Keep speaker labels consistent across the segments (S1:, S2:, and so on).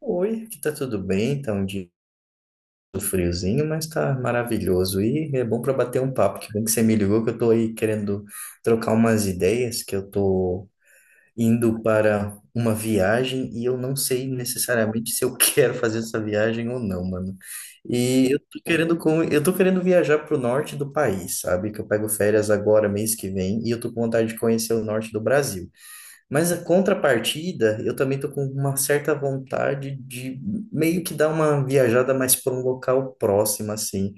S1: Oi, aqui tá tudo bem, tá um dia friozinho, mas tá maravilhoso e é bom para bater um papo, que bem que você me ligou que eu tô aí querendo trocar umas ideias, que eu tô indo para uma viagem e eu não sei necessariamente se eu quero fazer essa viagem ou não, mano. E eu tô querendo eu tô querendo viajar pro norte do país, sabe? Que eu pego férias agora mês que vem e eu tô com vontade de conhecer o norte do Brasil. Mas a contrapartida, eu também tô com uma certa vontade de meio que dar uma viajada mais para um local próximo, assim.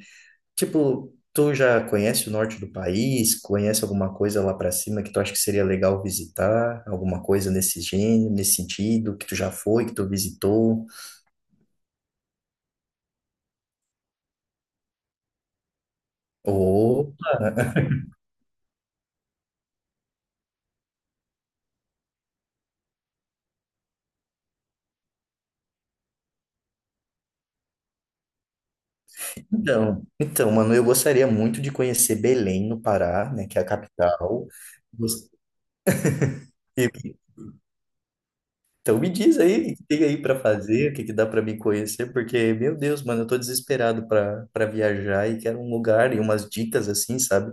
S1: Tipo, tu já conhece o norte do país? Conhece alguma coisa lá para cima que tu acha que seria legal visitar? Alguma coisa nesse gênero, nesse sentido, que tu já foi, que tu visitou? Ou... Então, mano, eu gostaria muito de conhecer Belém, no Pará, né, que é a capital. Gos- E Então me diz aí o que tem aí para fazer, o que que dá para me conhecer, porque, meu Deus, mano, eu tô desesperado para viajar e quero um lugar e umas dicas assim, sabe?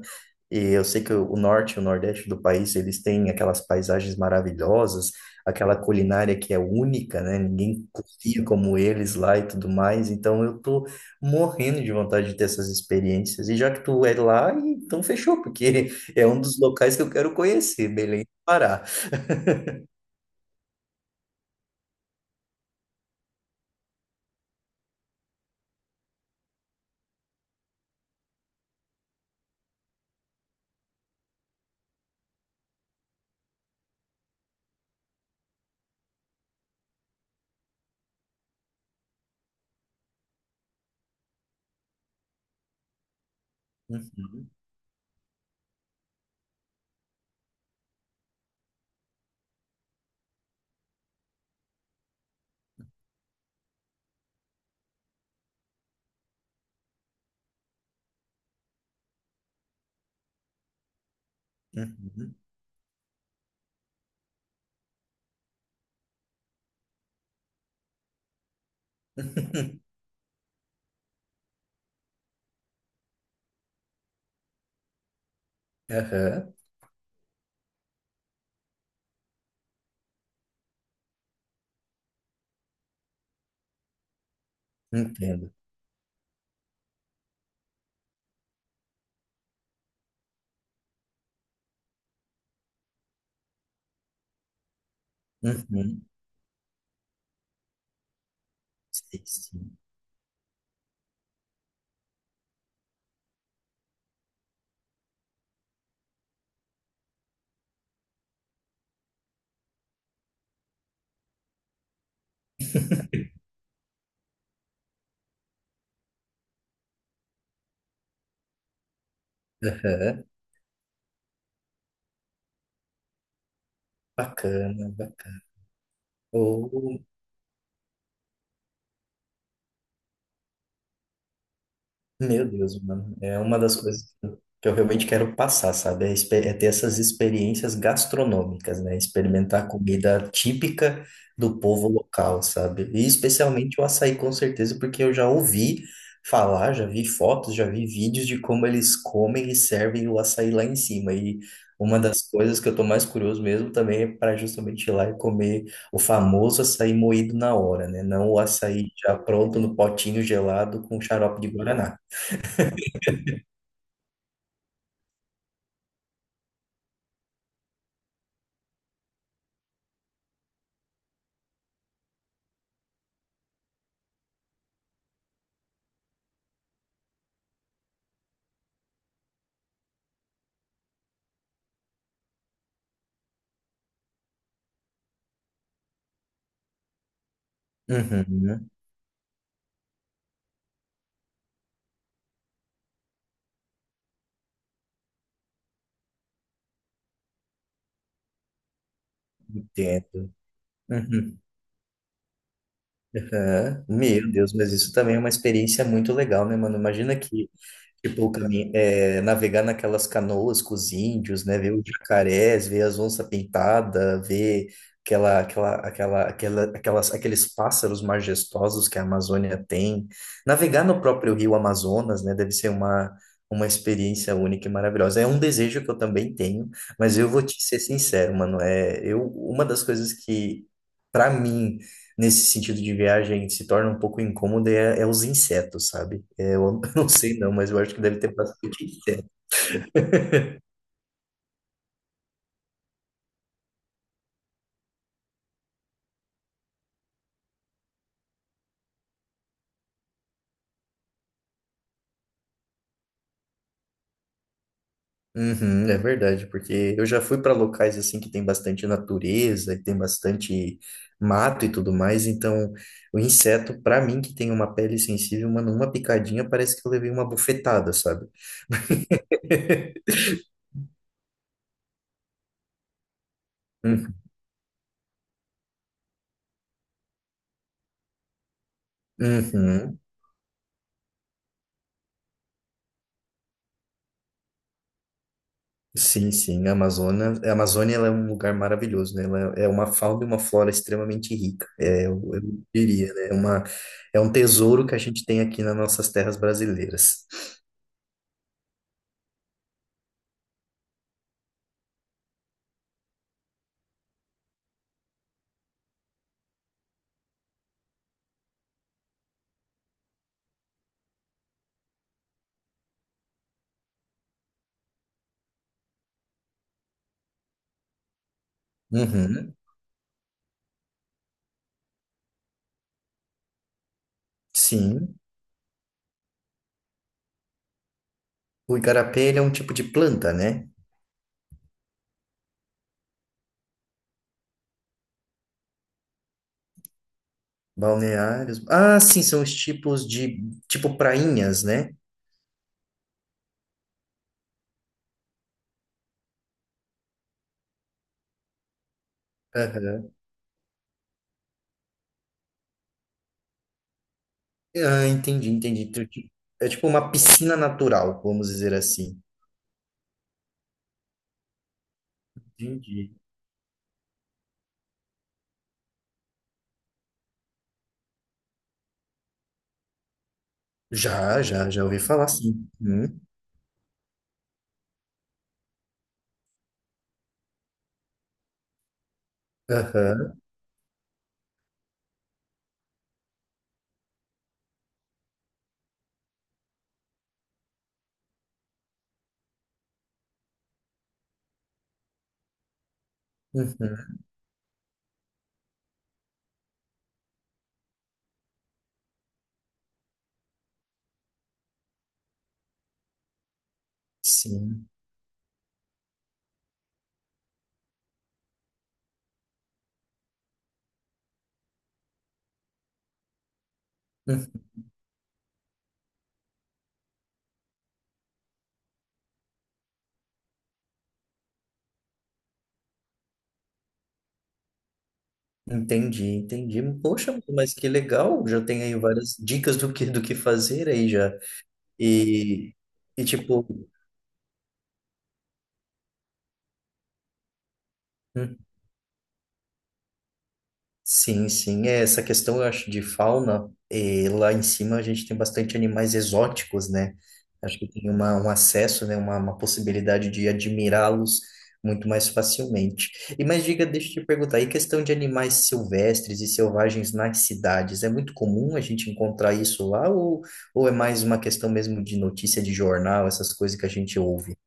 S1: E eu sei que o norte e o nordeste do país, eles têm aquelas paisagens maravilhosas, aquela culinária que é única, né? Ninguém cozinha como eles lá e tudo mais. Então eu tô morrendo de vontade de ter essas experiências. E já que tu é lá, então fechou, porque é um dos locais que eu quero conhecer, Belém do Pará. Uhum, uhum. Aham, entendo. Uhum, sei sim. Aham, bacana, bacana. Ou, meu Deus, mano. É uma das coisas que eu realmente quero passar, sabe? É ter essas experiências gastronômicas, né? Experimentar a comida típica do povo local, sabe? E especialmente o açaí, com certeza, porque eu já ouvi falar, já vi fotos, já vi vídeos de como eles comem e servem o açaí lá em cima. E uma das coisas que eu tô mais curioso mesmo também é para justamente ir lá e comer o famoso açaí moído na hora, né? Não o açaí já pronto no potinho gelado com xarope de guaraná. Uhum, entendo. Uhum, aham. Meu Deus, mas isso também é uma experiência muito legal, né, mano? Imagina que, navegar naquelas canoas com os índios, né? Ver os jacarés, ver as onças pintadas, ver aqueles pássaros majestosos que a Amazônia tem. Navegar no próprio rio Amazonas, né? Deve ser uma experiência única e maravilhosa. É um desejo que eu também tenho, mas eu vou te ser sincero, mano. Uma das coisas que, para mim, nesse sentido de viagem se torna um pouco incômodo é os insetos, sabe? É, eu não sei não, mas eu acho que deve ter bastante inseto. Uhum, é verdade, porque eu já fui para locais assim que tem bastante natureza e tem bastante mato e tudo mais, então o inseto, para mim que tem uma pele sensível, mano, uma picadinha parece que eu levei uma bufetada, sabe? Uhum. Uhum. Sim, sim, a Amazônia ela é um lugar maravilhoso, né? Ela é uma fauna e uma flora extremamente rica, é, eu diria, né? É um tesouro que a gente tem aqui nas nossas terras brasileiras. Uhum, sim. O igarapé, ele é um tipo de planta, né? Balneários. Ah, sim, são os tipos de, tipo prainhas, né? Aham. Ah, entendi, entendi. É tipo uma piscina natural, vamos dizer assim. Entendi. Já, já, já ouvi falar, sim. Uhum. Aham. Uhum. Sim, hum, entendi, entendi. Poxa, mas que legal, já tem aí várias dicas do que fazer aí já. E, e tipo, uhum. Sim, sim. É, essa questão, eu acho, de fauna, lá em cima a gente tem bastante animais exóticos, né? Acho que tem um acesso, né? Uma possibilidade de admirá-los muito mais facilmente. E mas diga, deixa eu te perguntar, e questão de animais silvestres e selvagens nas cidades, é muito comum a gente encontrar isso lá ou é mais uma questão mesmo de notícia de jornal, essas coisas que a gente ouve?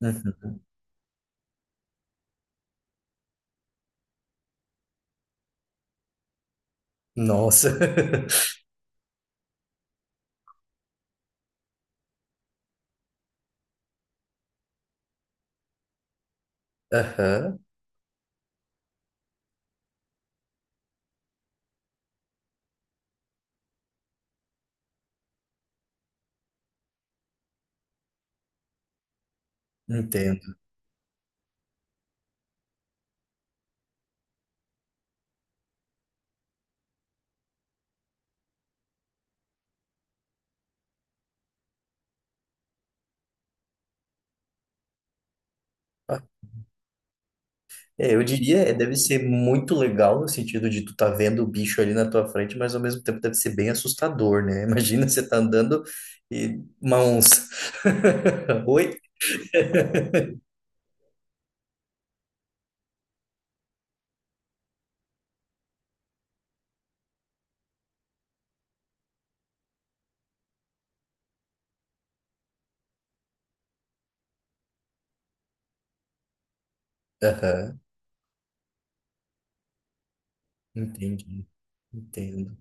S1: Uhum. Nossa. Aham, entendo. É, eu diria, é, deve ser muito legal no sentido de tu tá vendo o bicho ali na tua frente, mas ao mesmo tempo deve ser bem assustador, né? Imagina você tá andando e uma onça. Oi? Aham, entendi, entendo.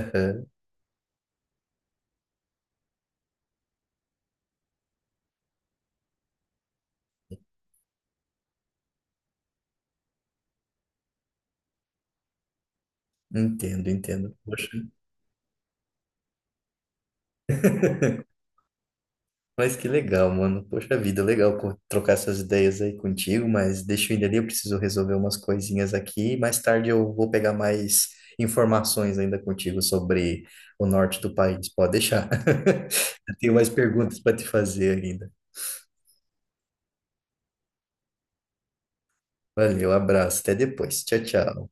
S1: Aham, entendo, entendo. Poxa. Mas que legal, mano. Poxa vida, legal trocar essas ideias aí contigo, mas deixa eu ir ali, eu preciso resolver umas coisinhas aqui. Mais tarde eu vou pegar mais informações ainda contigo sobre o norte do país. Pode deixar. Tenho mais perguntas para te fazer ainda. Valeu, abraço, até depois. Tchau, tchau.